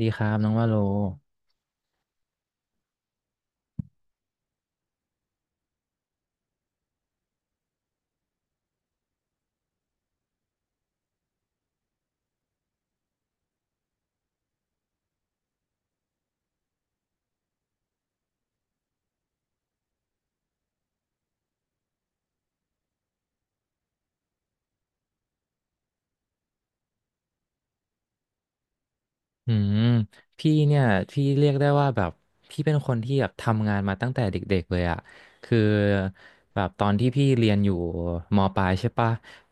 ดีครับน้องว่าโลอืมพี่เนี่ยพี่เรียกได้ว่าแบบพี่เป็นคนที่แบบทำงานมาตั้งแต่เด็กๆเลยอะคือแบบตอนที่พี่เรียนอยู่มปลายใช่ปะ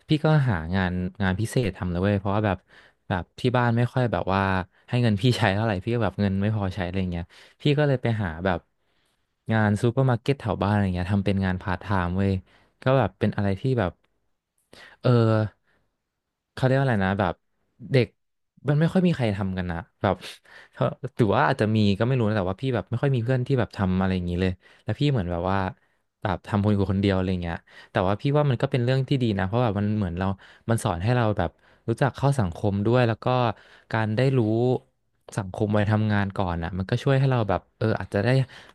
พี่ก็หางานพิเศษทำเลยเว้ยเพราะว่าแบบที่บ้านไม่ค่อยแบบว่าให้เงินพี่ใช้เท่าไหร่พี่ก็แบบเงินไม่พอใช้อะไรเงี้ยพี่ก็เลยไปหาแบบงานซูเปอร์มาร์เก็ตแถวบ้านอะไรเงี้ยทำเป็นงานพาร์ทไทม์เว้ย ก็แบบเป็นอะไรที่แบบ เออ เขาเรียกว่าอะไรนะแบบเด็กมันไม่ค่อยมีใครทำกันนะแบบเขาหรือว่าอาจจะมีก็ไม่รู้นะแต่ว่าพี่แบบไม่ค่อยมีเพื่อนที่แบบทำอะไรอย่างนี้เลยแล้วพี่เหมือนแบบว่าแบบทำคนอยู่คนเดียวอะไรเงี้ยแต่ว่าพี่ว่ามันก็เป็นเรื่องที่ดีนะเพราะแบบมันเหมือนเรา มันสอนให้เราแบบรู้จักเข้าสังคมด้วยแล้วก็การได้รู้สังคมวัยทำงานก่อนอ่ะมันก็ช่วยให้เราแบบเอออาจจะได้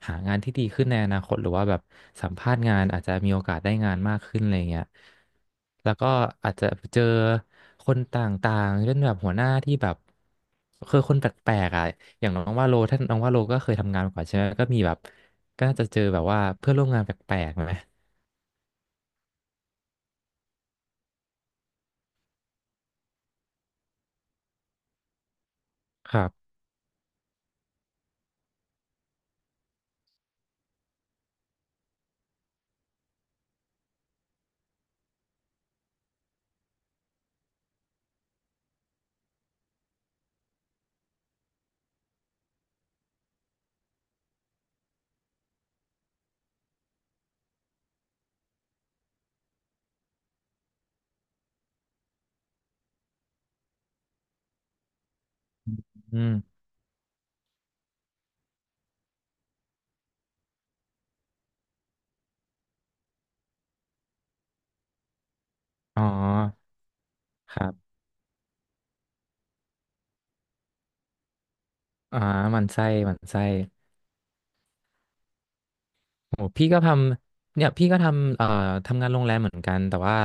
หางานที่ดีขึ้นในอนาคตหรือว่าแบบสัมภาษณ์งานอาจจะมีโอกาสได้งานมากขึ้นอะไรเงี้ยแล้วก็อาจจะเจอคนต่างๆเช่นแบบหัวหน้าที่แบบคือคนแปลกๆอ่ะอย่างน้องว่าโลท่านน้องว่าโลก็เคยทำงานมาก่อนใช่ไหมก็มีแบบก็น่าจะเจอแบบว่าเพื่อนร่วมงานแปลกๆไหมครับอืมอ๋อครับ อ่าหมันไส้หมันไส้โหพี่ก็ทำเนี่ยพี่ก็ทำทำงานโรงแรมเหมือนกันแต่ว่า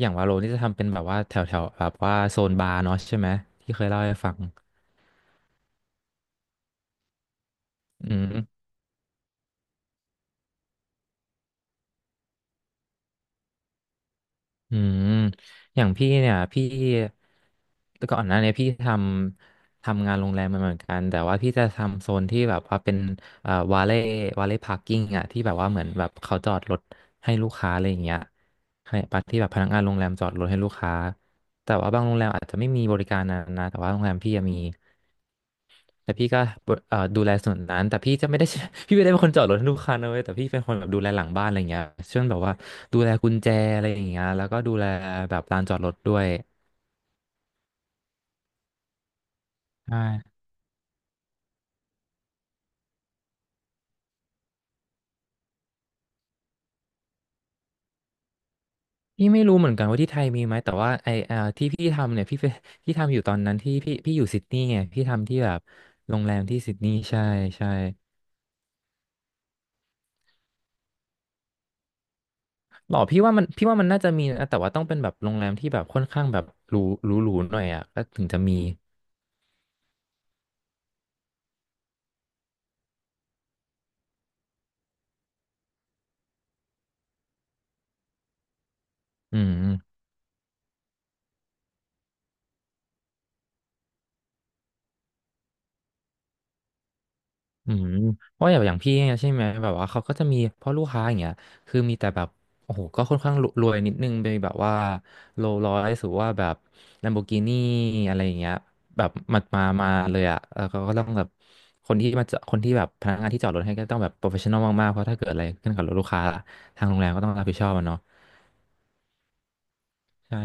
อย่างวาโลนี่จะทำเป็นแบบว่าแถวแถวแบบว่าโซนบาร์เนาะใช่ไหมที่เคยเล่าให้ฟังอืม อืมอย่างพี่เนี่ยพี่ก่อนหน้าเนียพี่ทำงานโรงแรมมาเหมือนกันแต่ว่าพี่จะทำโซนที่แบบว่าเป็นเอ่อวาเล่พาร์กิ้งอ่ะที่แบบว่าเหมือนแบบเขาจอดรถให้ลูกค้าอะไรอย่างเงี้ยให้ปที่แบบพนักงานโรงแรมจอดรถให้ลูกค้าแต่ว่าบางโรงแรมอาจจะไม่มีบริการนั้นนะแต่ว่าโรงแรมพี่อะมี แต่พี่ก็เอ่อดูแลส่วนนั้นแต่พี่จะไม่ได้ พี่ไม่ได้เป็นคนจอดรถให้ลูกค้านะเว้ยแต่พี่เป็นคนแบบดูแลหลังบ้านอะไรเงี้ยเช่นแบบว่าดูแลกุญแจอะไรอย่างเงี้ยแล้วก็ดูแลแบบลานจอดรถด้วยใช่พี่ไม่รู้เหมือนกันว่าที่ไทยมีไหมแต่ว่าไอเอ่อที่พี่ทำเนี่ยพี่ไปพี่ทำอยู่ตอนนั้นที่พี่อยู่ซิดนีย์ไงพี่ทำที่แบบโรงแรมที่ซิดนีย์ใช่ใช่หรอพี่ว่ามันพี่ว่ามันน่าจะมีนะแต่ว่าต้องเป็นแบบโรงแรมที่แบบค่อนข้างแบบหรูหรูหน่อยอ่ะก็ถึงจะมีอืม อืมเพราะอย่างพี่เนี่ยใช่ไหมแบบว่าเขาก็จะมีพ่อลูกค้าอย่างเงี้ยคือมีแต่แบบโอ้โหก็ค่อนข้างรวยนิดนึงไปแบบว่าโรลส์รอยซ์หรือว่าแบบลัมโบกินีอะไรอย่างเงี้ยแบบมามาเลยอ่ะเออเขาก็ต้องแบบคนที่มาจะคนที่แบบพนักงานที่จอดรถให้ก็ต้องแบบโปรเฟชชั่นอลมากๆเพราะถ้าเกิดอะไรขึ้นกับรถลูกค้าทางโรงแรมก็ต้องรับผิดชอบอะเนาะ ใช่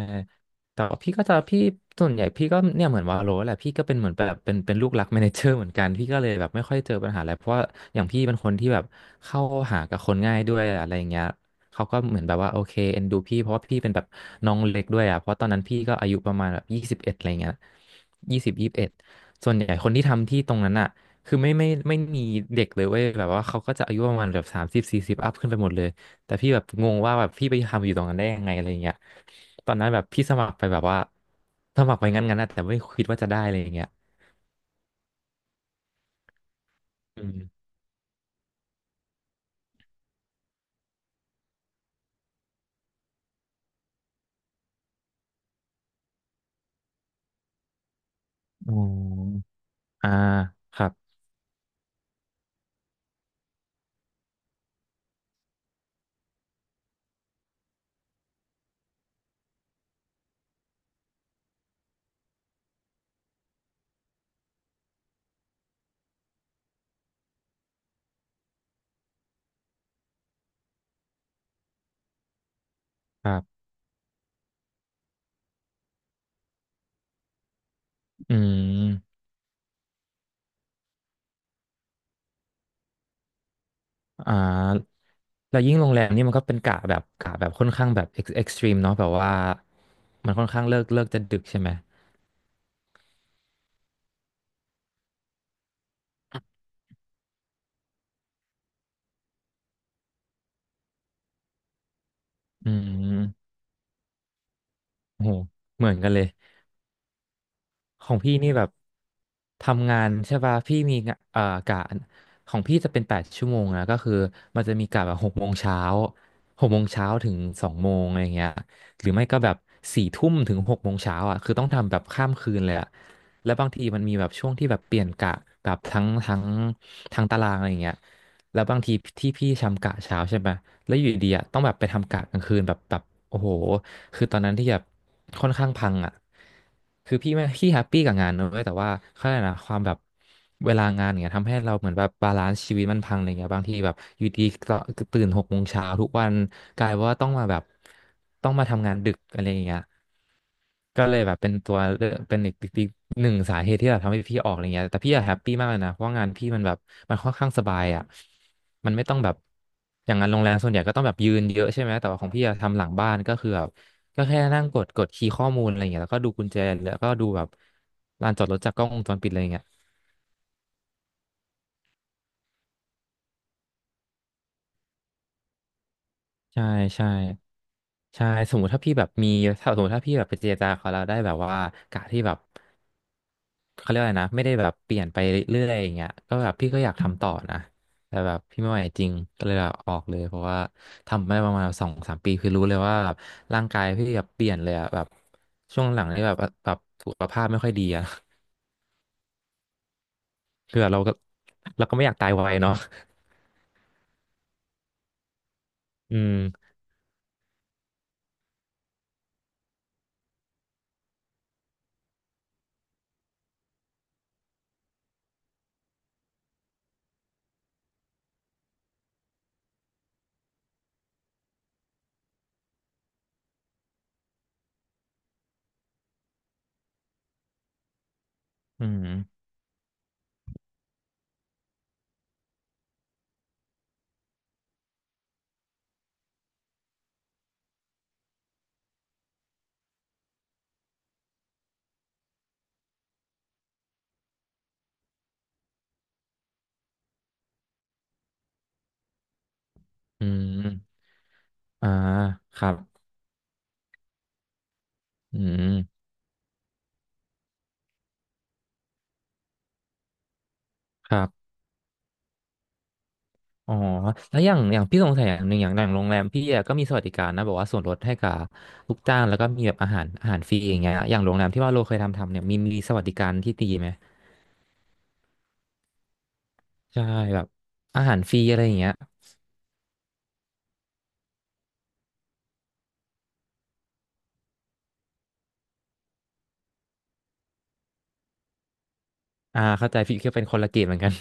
แต่ว่าพี่ก็จะพี่ส่วนใหญ่พี่ก็เนี่ยเหมือนวาโลแหละพี่ก็เป็นเหมือนแบบเป็นลูกรักแมเนเจอร์เหมือนกันพี่ก็เลยแบบไม่ค่อยเจอปัญหาอะไรเพราะว่าอย่างพี่เป็นคนที่แบบเข้าหากับคนง่ายด้วยอะไรอย่างเงี้ยเขาก็เหมือนแบบว่าโอเคเอ็นดูพี่เพราะว่าพี่เป็นแบบน้องเล็กด้วยอ่ะเพราะตอนนั้นพี่ก็อายุประมาณแบบยี่สิบเอ็ดอะไรเงี้ยยี่สิบเอ็ดส่วนใหญ่คนที่ทำที่ตรงนั้นอ่ะคือไม่มีเด็กเลยเว้ยแบบว่าเขาก็จะอายุประมาณแบบ3040อัพขึ้นไปหมดเลยแต่พี่แบบงงว่าแบบพี่ไปทำอยู่ตรงนั้นได้ยังไงอะไรเงี้ย ตอนนั้นแบบพี่สมัครไปแบบว่าสมัครไปงั้นๆนะแต่ไม่คิดว่าจะได้อะไรอย่างเงี้ยอืมอ๋ออ่าครับครับอืมอ่าแล้วยิ่งโรงแรมนี่มันก็เป็นกะแบบค่อนข้างแบบเอ็กซ์ตรีมเนาะแบบว่ามันค่อนข้างเลิกจะดึกใช่ไหมอืมโหเหมือนกันเลย ของพี่นี่แบบทำงานใช่ป่ะพี่มีงะกะของพี่จะเป็น8 ชั่วโมงนะก็คือมันจะมีกะแบบหกโมงเช้าหกโมงเช้าถึง2 โมงอะไรเงี้ยหรือไม่ก็แบบ4 ทุ่มถึงหกโมงเช้าอ่ะคือต้องทำแบบข้ามคืนเลยอ่ะ แล้วบางทีมันมีแบบช่วงที่แบบเปลี่ยนกะกับทั้งตารางอะไรอย่างเงี้ยแล้วบางทีที่พี่ทำกะเช้าใช่ไหมแล้วอยู่ดีอ่ะต้องแบบไปทำกะกลางคืนแบบโอ้โหคือตอนนั้นที่แบบค่อนข้างพังอ่ะคือพี่ไม่พี่แฮปปี้กับงานนะเลยแต่ว่าเขาเรียกอะไรนะความแบบเวลางานอย่างเงี้ยทำให้เราเหมือนแบบบาลานซ์ชีวิตมันพังอะไรเงี้ยบางทีแบบอยู่ดีก็ตื่นหกโมงเช้าทุกวันกลายว่าต้องมาแบบต้องมาทำงานดึกอะไรอย่างเงี้ย ก็เลยแบบเป็นตัวเลือกเป็นอีกหนึ่งสาเหตุที่แบบทำให้พี่ออกอะไรเงี้ยแต่พี่อะแฮปปี้มากเลยนะเพราะว่างานพี่มันแบบมันค่อนข้างสบายอ่ะมันไม่ต้องแบบอย่างงานโรงแรมส่วนใหญ่ก็ต้องแบบยืนเยอะใช่ไหมแต่ว่าของพี่อะทำหลังบ้านก็คือแบบก็แค่นั่งกดคีย์ข้อมูลอะไรเงี้ยแล้วก็ดูกุญแจแล้วก็ดูแบบลานจอดรถจากกล้องวงจรปิดอะไรเงี้ยใช่ใช่ใช่สมมติถ้าพี่แบบมีถ้าสมมติถ้าพี่แบบไปเจรจาเขาแล้วได้แบบว่ากะที่แบบ เขาเรียกว่าอะไรนะไม่ได้แบบเปลี่ยนไปเรื่อยๆอย่างเงี้ยก็แบบพี่ก็อยากทำต่อนะแต่แบบพี่ไม่ไหวจริงก็เลยลาออกเลยเพราะว่าทำไม่ประมาณสองสามปีคือรู้เลยว่าแบบร่างกายพี่แบบเปลี่ยนเลยอะแบบช่วงหลังนี่แบบสุขภาพไม่ค่อยดีอะ คือแบบเราก็ไม่อยากตายไวเนาะอืมอืมอืมอ่าครับอืมครับ อ๋อแล้วอย่างพี่สงสัยอย่างหนึ่งอย่างโรงแรมพี่อะก็มีสวัสดิการนะแบบว่าส่วนลดให้กับลูกจ้างแล้วก็มีแบบอาหารฟรีอย่างเงี้ยอย่างโรงแรมที่ว่าโลเคยทำเนี่ยมีสวัสดิการที่ดีไหมใช่แบบอาหารฟรีอะไรอย่างเงี้ยอ่าเข้าใจพี่ก็เป็นคนละเกมเหมือนกัน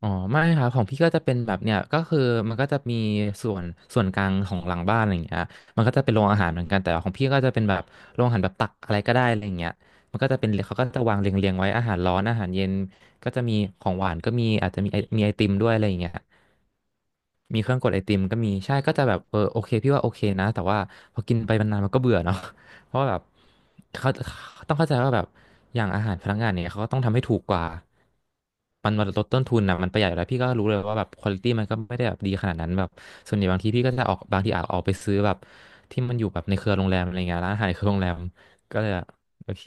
อ๋อไม่ครับของพี่ก็จะเป็นแบบเนี่ยก็คือมันก็จะมีส่วนส่วนกลางของหลังบ้านอะไรอย่างเงี้ยมันก็จะเป็นโรงอาหารเหมือนกันแต่ว่าของพี่ก็จะเป็นแบบโรงอาหารแบบตักอะไรก็ได้อะไรอย่างเงี้ยมันก็จะเป็นเขาก็จะวางเรียงๆไว้อาหารร้อนอาหารเย็นก็จะมีของหวานก็มีอาจจะมีมีไอติมด้วยอะไรอย่างเงี้ย มีเครื่องกดไอติมก็มีใช่ก็จะแบบเออโอเคพี่ว่าโอเคนะแต่ว่าพอกินไปนานๆมันก็เบื่อเนาะ เพราะว่าแบบเขาต้องเข้าใจว่าแบบอย่างอาหารพนักงานเนี่ยเขาก็ต้องทำให้ถูกกว่ามันลดต้นทุนนะมันประหยัดอยู่แล้วพี่ก็รู้เลยว่าแบบควอลิตี้มันก็ไม่ได้แบบดีขนาดนั้นแบบส่วนใหญ่บางทีพี่ก็จะออกบางทีอาจออกไปซื้อแบบที่มันอยู่แบบในเครือโรงแรมอะไรเงี้ยร้านอาหารในเครือโรงแรมก็เลยอะโอเค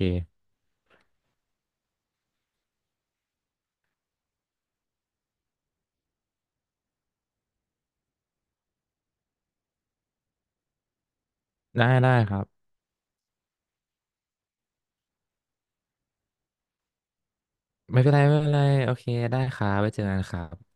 ได้ได้ครับไม่เป็นไรไม่เป็นไรโอเคได้ครับไว้เจอกันครับ